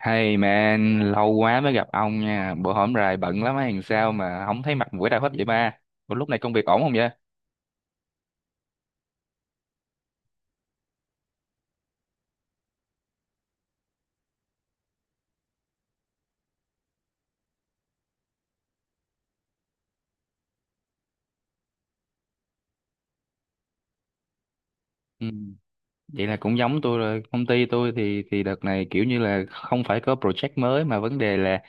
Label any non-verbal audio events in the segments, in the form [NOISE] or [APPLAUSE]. Hey man, lâu quá mới gặp ông nha. Bữa hổm rày bận lắm hay làm sao mà không thấy mặt mũi đâu hết vậy ba. Ủa lúc này công việc ổn không vậy? Vậy là cũng giống tôi rồi, công ty tôi thì đợt này kiểu như là không phải có project mới, mà vấn đề là,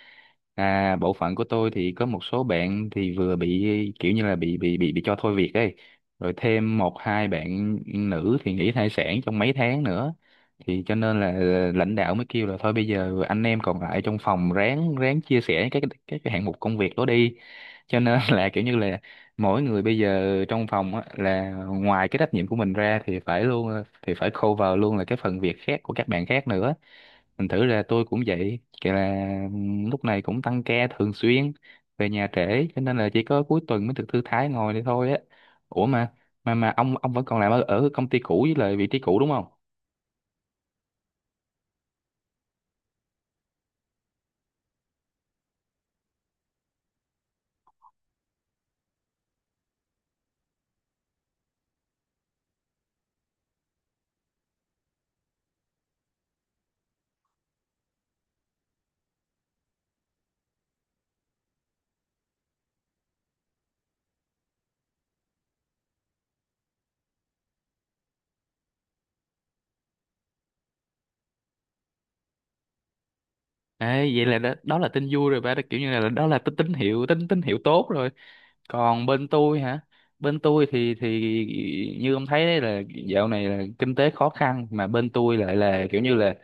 à, bộ phận của tôi thì có một số bạn thì vừa bị kiểu như là bị cho thôi việc ấy, rồi thêm một hai bạn nữ thì nghỉ thai sản trong mấy tháng nữa, thì cho nên là lãnh đạo mới kêu là thôi bây giờ anh em còn lại trong phòng ráng ráng chia sẻ các cái hạng mục công việc đó đi, cho nên [LAUGHS] là kiểu như là mỗi người bây giờ trong phòng á, là ngoài cái trách nhiệm của mình ra thì phải cover luôn là cái phần việc khác của các bạn khác nữa. Thành thử là tôi cũng vậy, kể là lúc này cũng tăng ca thường xuyên, về nhà trễ, cho nên là chỉ có cuối tuần mới được thư thái ngồi đây thôi á. Ủa mà ông vẫn còn làm ở công ty cũ với lại vị trí cũ đúng không? Ê, vậy là đó là tin vui rồi ba đó, kiểu như là đó là tín tín hiệu tốt rồi. Còn bên tôi hả? Bên tôi thì như ông thấy đấy, là dạo này là kinh tế khó khăn, mà bên tôi lại là kiểu như là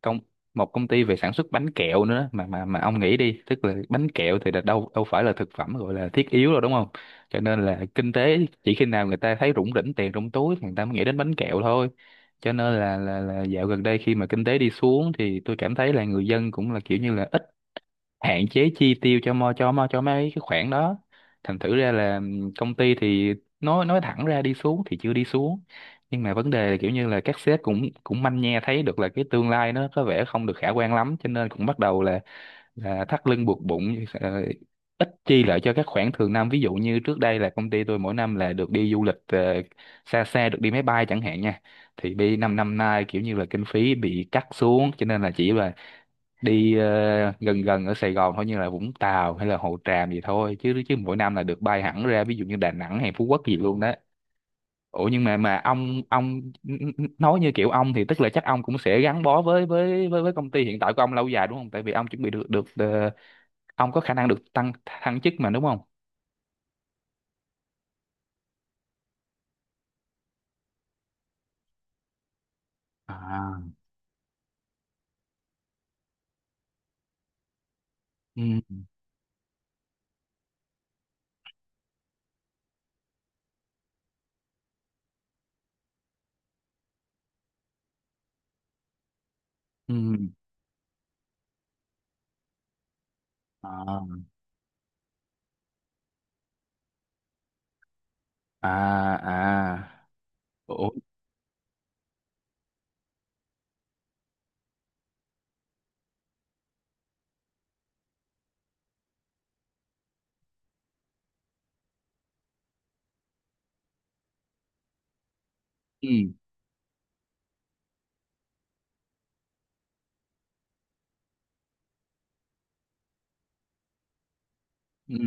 công một công ty về sản xuất bánh kẹo nữa, mà ông nghĩ đi, tức là bánh kẹo thì là đâu đâu phải là thực phẩm gọi là thiết yếu rồi đúng không? Cho nên là kinh tế, chỉ khi nào người ta thấy rủng rỉnh tiền trong túi thì người ta mới nghĩ đến bánh kẹo thôi. Cho nên là dạo gần đây, khi mà kinh tế đi xuống, thì tôi cảm thấy là người dân cũng là kiểu như là ít, hạn chế chi tiêu cho mấy cái khoản đó. Thành thử ra là công ty thì nói thẳng ra, đi xuống thì chưa đi xuống, nhưng mà vấn đề là kiểu như là các sếp cũng cũng manh nha thấy được là cái tương lai nó có vẻ không được khả quan lắm, cho nên cũng bắt đầu là thắt lưng buộc bụng, ít chi lại cho các khoản thường năm, ví dụ như trước đây là công ty tôi mỗi năm là được đi du lịch, xa xa, được đi máy bay chẳng hạn nha. Thì đi năm năm nay kiểu như là kinh phí bị cắt xuống cho nên là chỉ là đi, gần gần ở Sài Gòn thôi, như là Vũng Tàu hay là Hồ Tràm gì thôi, chứ chứ mỗi năm là được bay hẳn ra ví dụ như Đà Nẵng hay Phú Quốc gì luôn đó. Ủa nhưng mà ông nói như kiểu ông thì tức là chắc ông cũng sẽ gắn bó với công ty hiện tại của ông lâu dài đúng không, tại vì ông chuẩn bị được được ờ, ông có khả năng được thăng chức mà đúng không? À. Ừ, ừ. À, à, à. Ủa. Ừ, ừ,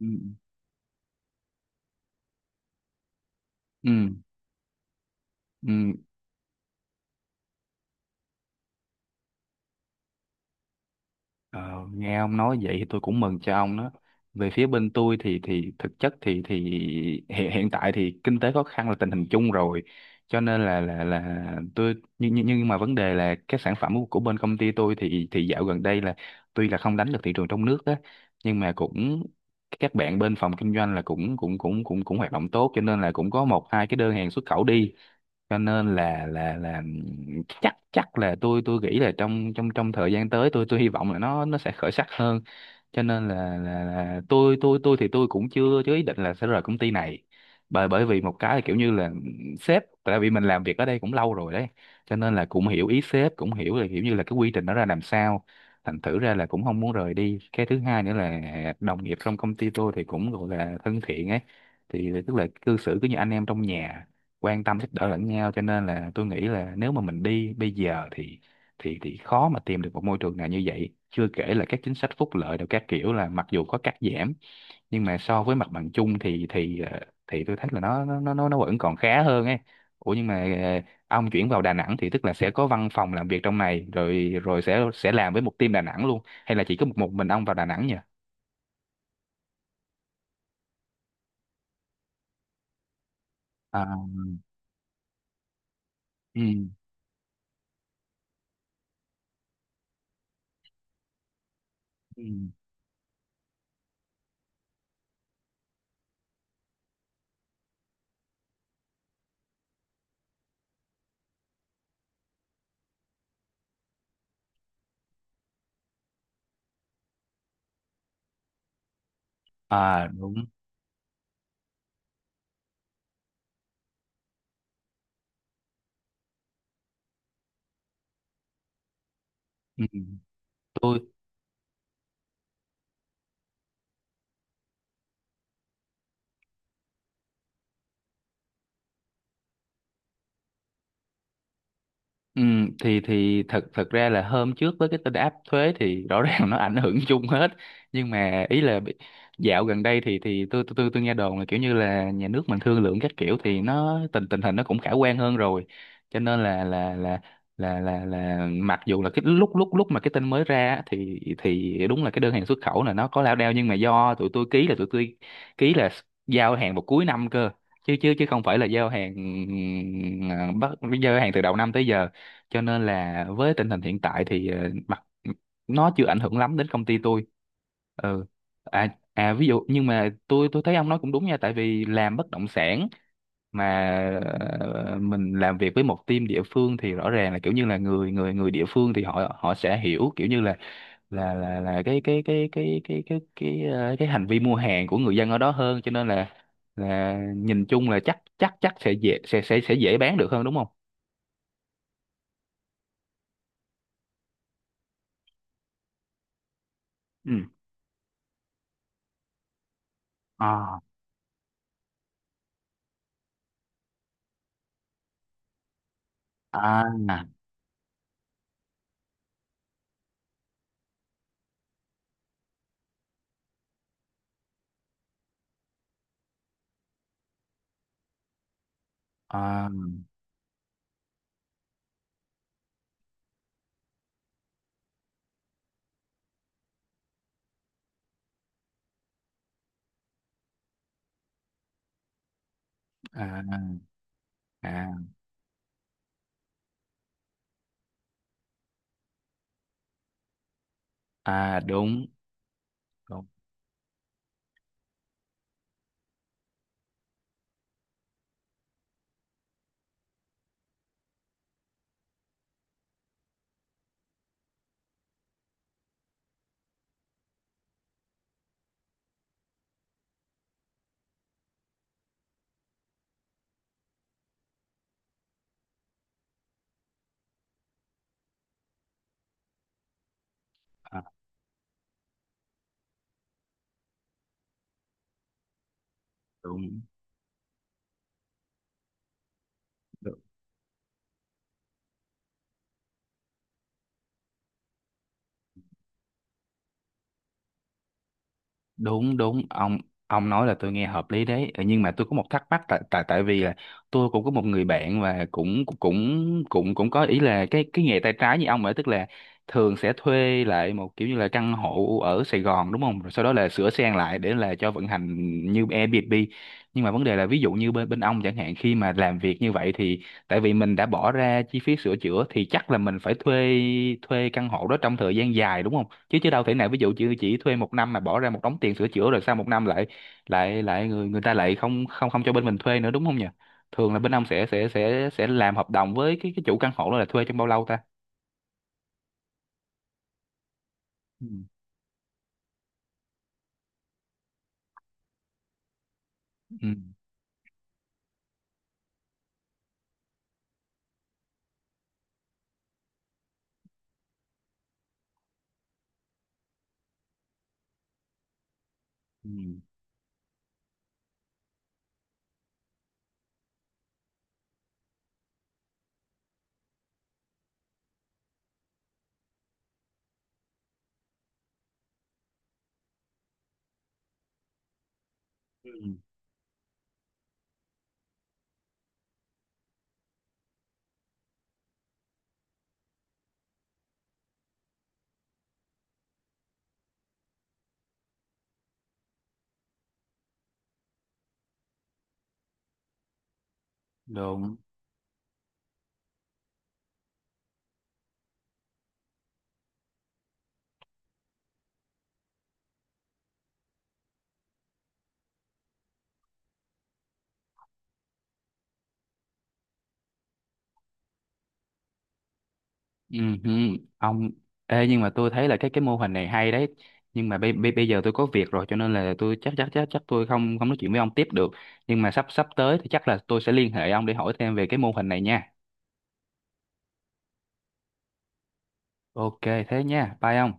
ừ, ừ, ừ. Ờ, nghe ông nói vậy thì tôi cũng mừng cho ông đó. Về phía bên tôi thì thực chất thì hiện hiện tại thì kinh tế khó khăn là tình hình chung rồi. Cho nên là nhưng mà vấn đề là các sản phẩm của bên công ty tôi thì dạo gần đây là tuy là không đánh được thị trường trong nước á, nhưng mà cũng các bạn bên phòng kinh doanh là cũng cũng cũng cũng cũng hoạt động tốt, cho nên là cũng có một hai cái đơn hàng xuất khẩu đi. Cho nên là chắc chắc là tôi nghĩ là trong trong trong thời gian tới, tôi hy vọng là nó sẽ khởi sắc hơn. Cho nên là tôi thì tôi cũng chưa chưa ý định là sẽ rời công ty này. Bởi bởi vì một cái là kiểu như là sếp, tại vì mình làm việc ở đây cũng lâu rồi đấy, cho nên là cũng hiểu ý sếp, cũng hiểu là kiểu như là cái quy trình nó ra làm sao. Thành thử ra là cũng không muốn rời đi. Cái thứ hai nữa là đồng nghiệp trong công ty tôi thì cũng gọi là thân thiện ấy, thì tức là cư xử cứ như anh em trong nhà, quan tâm giúp đỡ lẫn nhau, cho nên là tôi nghĩ là nếu mà mình đi bây giờ thì thì khó mà tìm được một môi trường nào như vậy, chưa kể là các chính sách phúc lợi đều các kiểu là mặc dù có cắt giảm, nhưng mà so với mặt bằng chung thì tôi thấy là nó vẫn còn khá hơn ấy. Ủa nhưng mà, ông chuyển vào Đà Nẵng thì tức là sẽ có văn phòng làm việc trong này, rồi rồi sẽ làm với một team Đà Nẵng luôn, hay là chỉ có một mình ông vào Đà Nẵng nhỉ? À, ừ, ừ. À đúng. Ừ. Tôi Ừ, thì thật thật ra là hôm trước với cái tin áp thuế thì rõ [LAUGHS] ràng nó ảnh hưởng chung hết, nhưng mà ý là dạo gần đây thì tôi nghe đồn là kiểu như là nhà nước mình thương lượng các kiểu thì nó tình tình hình nó cũng khả quan hơn rồi. Cho nên là mặc dù là cái lúc lúc lúc mà cái tin mới ra á, thì đúng là cái đơn hàng xuất khẩu là nó có lao đao, nhưng mà do tụi tôi ký là ký là giao hàng vào cuối năm cơ, chứ chứ chứ không phải là giao hàng, ừ, bắt giao hàng từ đầu năm tới giờ. Cho nên là với tình hình hiện tại thì mặt nó chưa ảnh hưởng lắm đến công ty tôi. Ừ. À. À, ví dụ, nhưng mà tôi thấy ông nói cũng đúng nha, tại vì làm bất động sản mà, mình làm việc với một team địa phương thì rõ ràng là kiểu như là người người người địa phương thì họ họ sẽ hiểu kiểu như là là cái hành vi mua hàng của người dân ở đó hơn, cho nên là nhìn chung là chắc chắc chắc sẽ dễ, sẽ dễ bán được hơn đúng không? Ừ. À, à, à, à, à, à. Đúng, đúng. À, đúng, đúng, đúng, đúng. Ông nói là tôi nghe hợp lý đấy. Ờ, nhưng mà tôi có một thắc mắc, tại tại tại vì là tôi cũng có một người bạn và cũng cũng cũng cũng có ý là cái nghề tay trái như ông ấy, tức là thường sẽ thuê lại một kiểu như là căn hộ ở Sài Gòn đúng không, rồi sau đó là sửa sang lại để là cho vận hành như Airbnb. Nhưng mà vấn đề là ví dụ như bên bên ông chẳng hạn, khi mà làm việc như vậy thì tại vì mình đã bỏ ra chi phí sửa chữa thì chắc là mình phải thuê, thuê căn hộ đó trong thời gian dài đúng không, chứ chứ đâu thể nào ví dụ chỉ thuê một năm mà bỏ ra một đống tiền sửa chữa rồi sau một năm lại lại lại người người ta lại không không không cho bên mình thuê nữa đúng không nhỉ? Thường là bên ông sẽ làm hợp đồng với cái chủ căn hộ đó là thuê trong bao lâu ta? Ừ. Ừ, ừ, ừ. Ừ. Đúng. Ừ, ừ. ông Ê, nhưng mà tôi thấy là cái mô hình này hay đấy, nhưng mà bây bây bây giờ tôi có việc rồi, cho nên là tôi chắc chắc chắc chắc tôi không không nói chuyện với ông tiếp được, nhưng mà sắp sắp tới thì chắc là tôi sẽ liên hệ ông để hỏi thêm về cái mô hình này nha. Ok, thế nha, bye ông.